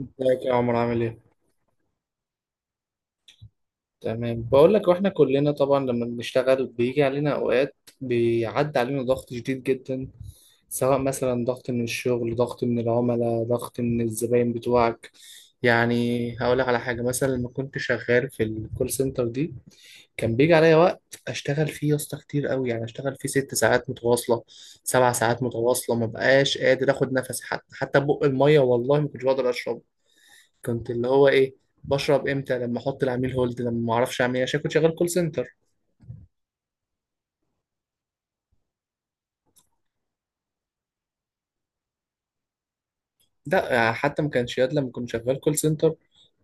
ازيك يا عمر عامل ايه؟ تمام، بقول لك، واحنا كلنا طبعا لما بنشتغل بيجي علينا اوقات بيعدي علينا ضغط شديد جدا. سواء مثلا ضغط من الشغل، ضغط من العملاء، ضغط من الزباين بتوعك. يعني هقول لك على حاجة، مثلا لما كنت شغال في الكول سنتر دي، كان بيجي عليا وقت اشتغل فيه يا اسطى كتير قوي. يعني اشتغل فيه ست ساعات متواصلة، سبع ساعات متواصلة، ما بقاش قادر اخد نفسي، حتى بق المية والله ما كنتش بقدر اشرب. كنت اللي هو ايه، بشرب امتى؟ لما احط العميل هولد، لما ما اعرفش اعمل ايه، عشان كنت شغال كول سنتر. لا حتى ما كانش ياد لما كنت شغال كول سنتر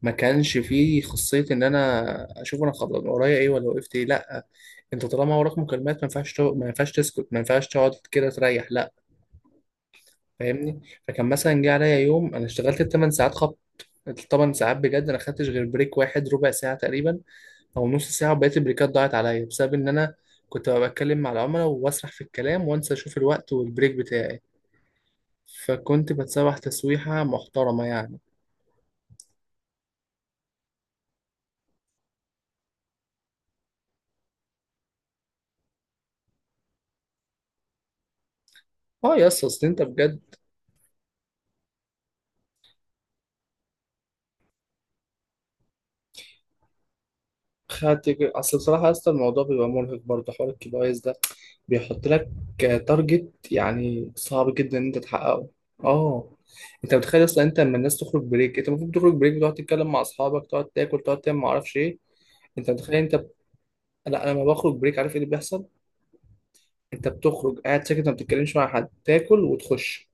ما كانش فيه خاصية ان انا اشوف انا خلاص ورايا ايه، ولا وقفت ايه. لا، انت طالما وراك مكالمات ما ينفعش ما ينفعش تسكت، ما ينفعش تقعد كده تريح، لا. فاهمني؟ فكان مثلا جه عليا يوم انا اشتغلت الثمان ساعات خبط. الثمان ساعات بجد انا خدتش غير بريك واحد ربع ساعة تقريبا او نص ساعه، وبقيت البريكات ضاعت عليا بسبب ان انا كنت ببقى بتكلم مع العملاء واسرح في الكلام وانسى اشوف الوقت والبريك بتاعي. فكنت بتسوح تسويحه محترمه يعني. اه يا اسطى اصل انت بجد. خدت اصل بصراحه يا اسطى، الموضوع بيبقى مرهق برضه حوار الكي بي ايز ده. بيحط لك تارجت يعني صعب جدا ان انت تحققه. اه، انت متخيل اصلا انت لما الناس تخرج بريك انت المفروض تخرج بريك بتقعد تتكلم مع اصحابك، تقعد تاكل، تقعد تعمل ما اعرفش ايه. انت متخيل انت؟ لا، انا لما بخرج بريك عارف ايه اللي بيحصل؟ انت بتخرج قاعد ساكت، ما بتتكلمش مع حد، تاكل وتخش.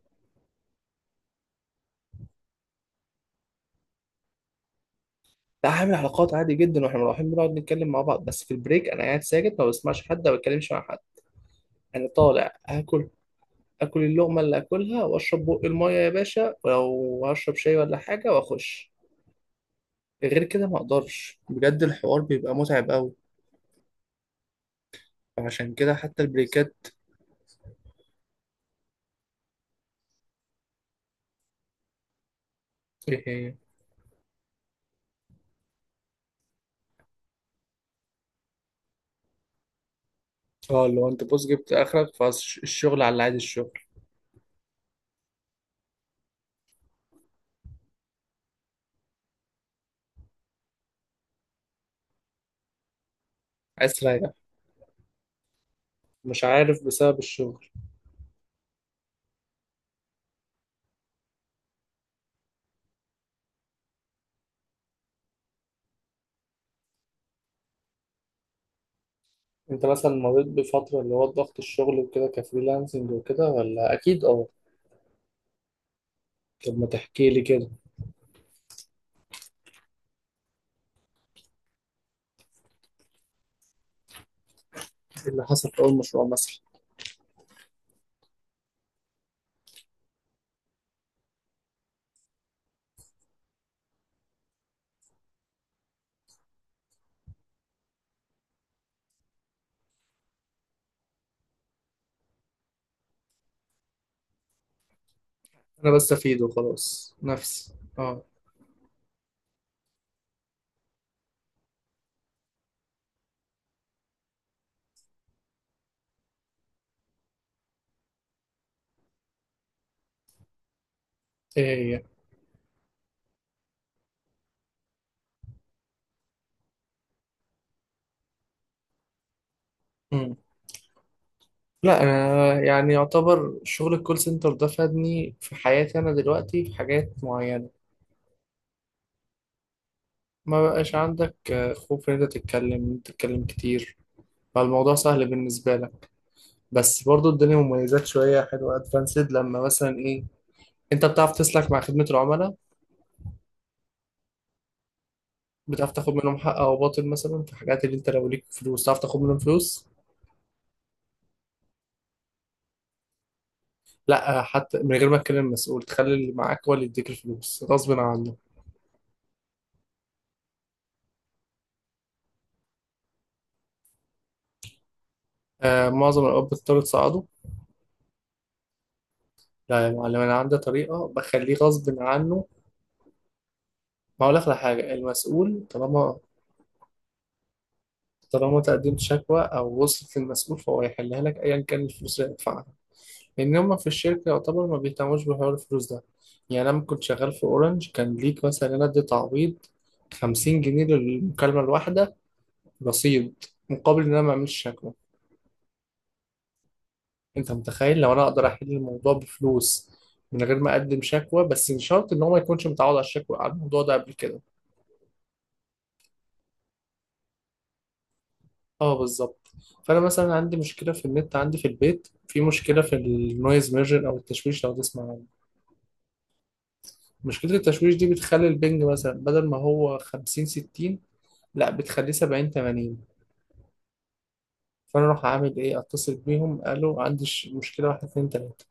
لا هعمل علاقات عادي جدا، واحنا رايحين بنقعد نتكلم مع بعض، بس في البريك انا قاعد ساكت ما بسمعش حد ما بتكلمش مع حد. انا طالع اكل، اكل اللقمه اللي اكلها واشرب بق الميه يا باشا، ولو هشرب شاي ولا حاجه واخش. غير كده ما اقدرش بجد، الحوار بيبقى متعب قوي. عشان كده حتى البريكات. ايه هي؟ اه لو انت بص جبت اخرك فالشغل، على عادي الشغل. عايز تريح، مش عارف، بسبب الشغل. انت مثلا مريت بفترة اللي هو ضغط الشغل وكده كفريلانسنج وكده ولا؟ اكيد اه. طب ما تحكي لي كده. ايه اللي حصل في اول مشروع مثلا؟ انا بس افيد وخلاص نفسي، اه. ايه هي؟ مم. لا انا يعني يعتبر شغل الكول سنتر ده فادني في حياتي. انا دلوقتي في حاجات معينة ما بقاش عندك خوف ان انت تتكلم، إن أنت تتكلم كتير، فالموضوع سهل بالنسبة لك. بس برضو الدنيا مميزات شوية حلوة ادفانسد لما مثلا ايه، انت بتعرف تسلك مع خدمة العملاء، بتعرف تاخد منهم حق او باطل. مثلا في حاجات اللي انت لو ليك فلوس تعرف تاخد منهم فلوس. لا حتى من غير ما تكلم المسؤول، تخلي اللي معاك هو اللي يديك الفلوس غصب عنه. آه، معظم الاب بتضطر تصعده. لا يا معلم، انا عندي طريقه بخليه غصب عنه. ما هقول لك على حاجه، المسؤول طالما طالما تقدمت شكوى او وصلت للمسؤول فهو هيحلها لك ايا كان الفلوس اللي هيدفعها. لان هم في الشركه يعتبر ما بيهتموش بحوار الفلوس ده. يعني انا لما كنت شغال في اورنج، كان ليك مثلا انا ادي تعويض 50 جنيه للمكالمه الواحده، رصيد، مقابل ان انا ما اعملش شكوى. انت متخيل لو انا اقدر احل الموضوع بفلوس من غير ما اقدم شكوى؟ بس مش شرط ان هو ما يكونش متعود على الشكوى على الموضوع ده قبل كده. اه بالظبط. فانا مثلا عندي مشكله في النت عندي في البيت، في مشكله في النويز ميرجن او التشويش لو تسمع عنه. مشكله التشويش دي بتخلي البنج مثلا بدل ما هو 50، 60، لا بتخليه 70، 80. فانا اروح اعمل ايه، اتصل بيهم قالوا عندي مشكله، واحد اتنين تلاته،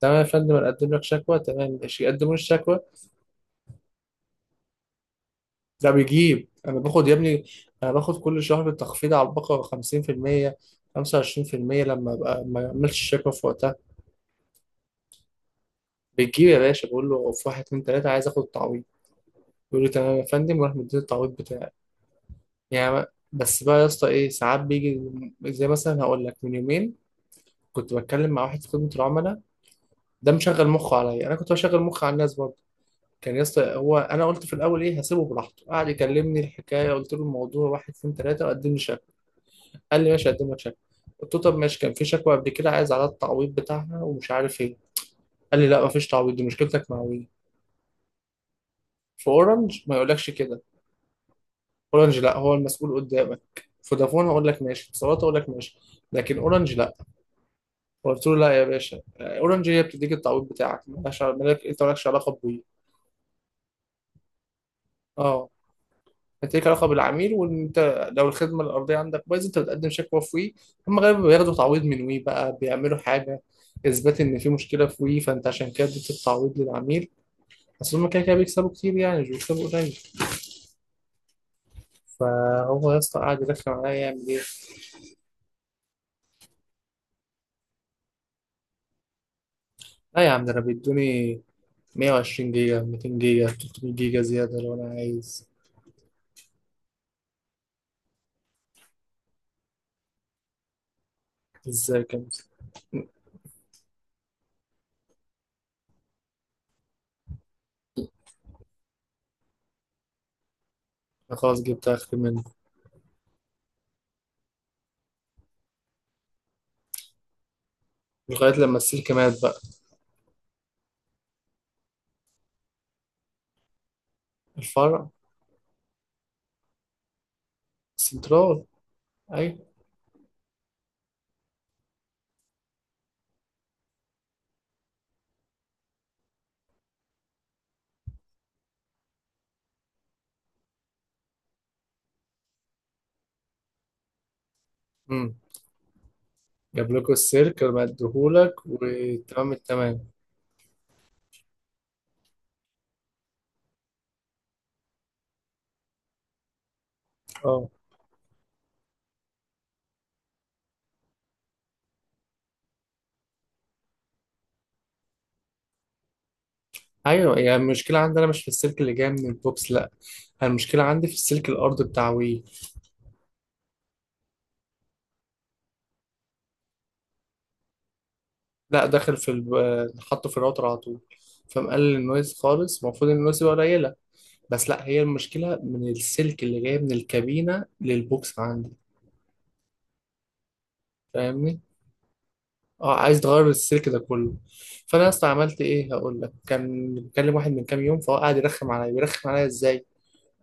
تمام يا فندم انا اقدم لك شكوى، تمام ماشي يقدموا لي الشكوى. ده بيجيب، انا باخد يا ابني، انا باخد كل شهر تخفيض على البقرة 50%، 25% لما ابقى ما اعملش شيك اب في وقتها. بتجيب يا باشا، بقول له في واحد اتنين تلاته عايز اخد التعويض، يقول لي تمام يا فندم، وراح مديني التعويض بتاعي، يعني. بس بقى يا اسطى ايه ساعات بيجي، زي مثلا هقول لك من يومين، كنت بتكلم مع واحد في خدمة العملاء، ده مشغل مخه عليا، انا كنت بشغل مخي على الناس برضه. كان يا اسطى هو انا قلت في الاول ايه، هسيبه براحته. قعد يكلمني الحكايه قلت له الموضوع واحد اتنين تلاته وقدم لي. قال لي ماشي اقدم لك شكوى. قلت له طب ماشي، كان في شكوى قبل كده عايز على التعويض بتاعها ومش عارف ايه. قال لي لا مفيش تعويض، دي مشكلتك مع وي. في اورنج ما يقولكش كده. اورنج لا هو المسؤول قدامك، فودافون هقول لك ماشي، اتصالات هقول لك ماشي، لكن اورنج لا. قلت له لا يا باشا، اورنج هي بتديك التعويض بتاعك، مالهاش مالك، انت مالكش علاقه بوي. اه، هتليك علاقه بالعميل، وان انت لو الخدمه الارضيه عندك بايظه انت بتقدم شكوى في وي، هم غالبا بياخدوا تعويض من وي، بقى بيعملوا حاجه اثبات ان في مشكله في وي فانت عشان كده اديت التعويض للعميل. اصل هم كده كده بيكسبوا كتير يعني، مش بيكسبوا قليل. فهو يا اسطى قاعد يرخم عليا يعمل ايه. لا يا عم، ده انا بيدوني 120 جيجا، 200 جيجا، 300 جيجا زياده لو انا عايز. ازاي كده؟ أنا خلاص جبت اخر منه لغايه لما السلك مات بقى. الفرع. السنترال. ايوه. جاب لكم السلك وأنا بديهولك وتمام التمام. اه ايوه، يعني المشكله عندي انا مش في السلك اللي جاي من البوكس، لا. أنا المشكله عندي في السلك الارضي بتاع وي. لا، داخل في ال... حطه في الراوتر على طول. فمقلل النويز خالص، المفروض إن النويز يبقى قليله، بس لا، هي المشكله من السلك اللي جاي من الكابينه للبوكس عندي. فاهمني؟ اه، عايز تغير السلك ده كله. فانا اصلا عملت ايه، هقول لك. كان بكلم واحد من كام يوم، فهو قاعد يرخم عليا. بيرخم عليا ازاي؟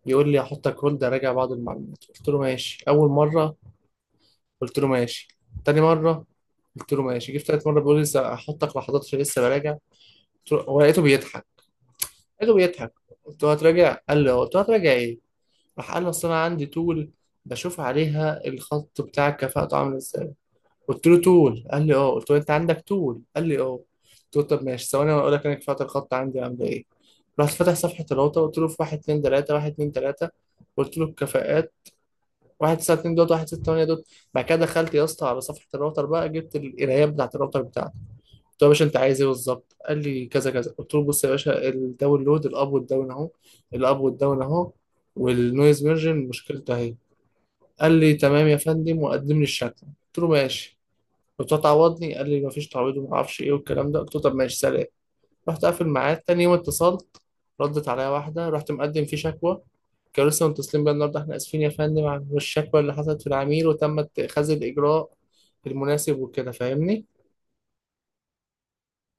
يقول لي هحطك هولد راجع بعض المعلومات، قلت له ماشي، اول مره. قلت له ماشي، تاني مره. قلت له ماشي، جيت تالت مره بيقول لي لسه هحطك ما حضرتش لسه براجع. قلت له، هو لقيته بيضحك، لقيته بيضحك. قلت له هتراجع؟ قال لي اه. قلت له هتراجع ايه؟ راح قال لي اصل انا عندي طول بشوف عليها الخط بتاعك كفاءته عامل ازاي. قلت له طول؟ قال لي اه. قلت له انت عندك طول؟ قال لي اه. قلت له طب ماشي، ثواني وانا اقول لك انا كفاءه الخط عندي عامله ايه. رحت فاتح صفحه الراوتر، قلت له في 1 2 3 1 2 3، قلت له الكفاءات واحد تسعة اتنين دوت واحد ستة تمانية دوت. بعد كده دخلت يا اسطى على صفحة الراوتر بقى، جبت القرايات بتاعة الراوتر بتاعتي. قلت له يا باشا أنت عايز إيه بالظبط؟ قال لي كذا كذا. قلت له بص يا باشا، الداونلود، الأب والداون أهو، الأب والداون أهو، والنويز ميرجن مشكلته أهي. قال لي تمام يا فندم وقدم لي الشكوى. قلت له ماشي. قلت له تعوضني. قال لي مفيش تعويض ومعرفش إيه والكلام ده. قلت له طب ماشي سلام. رحت قافل معاه. تاني يوم اتصلت، ردت عليا واحدة، رحت مقدم فيه شكوى، كانوا لسه متصلين بيا النهارده. احنا اسفين يا فندم عن الشكوى اللي حصلت في العميل وتم اتخاذ الاجراء المناسب وكده، فاهمني؟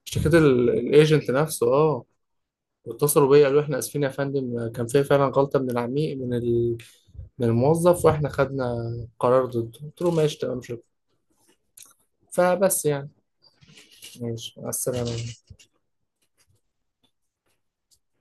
اشتكيت الايجنت نفسه اه. واتصلوا بيا قالوا احنا اسفين يا فندم، كان في فعلا غلطة من العميل من ال... من الموظف، واحنا خدنا قرار ضده. قلت له ماشي تمام شكرا. فبس يعني. ماشي مع السلامة.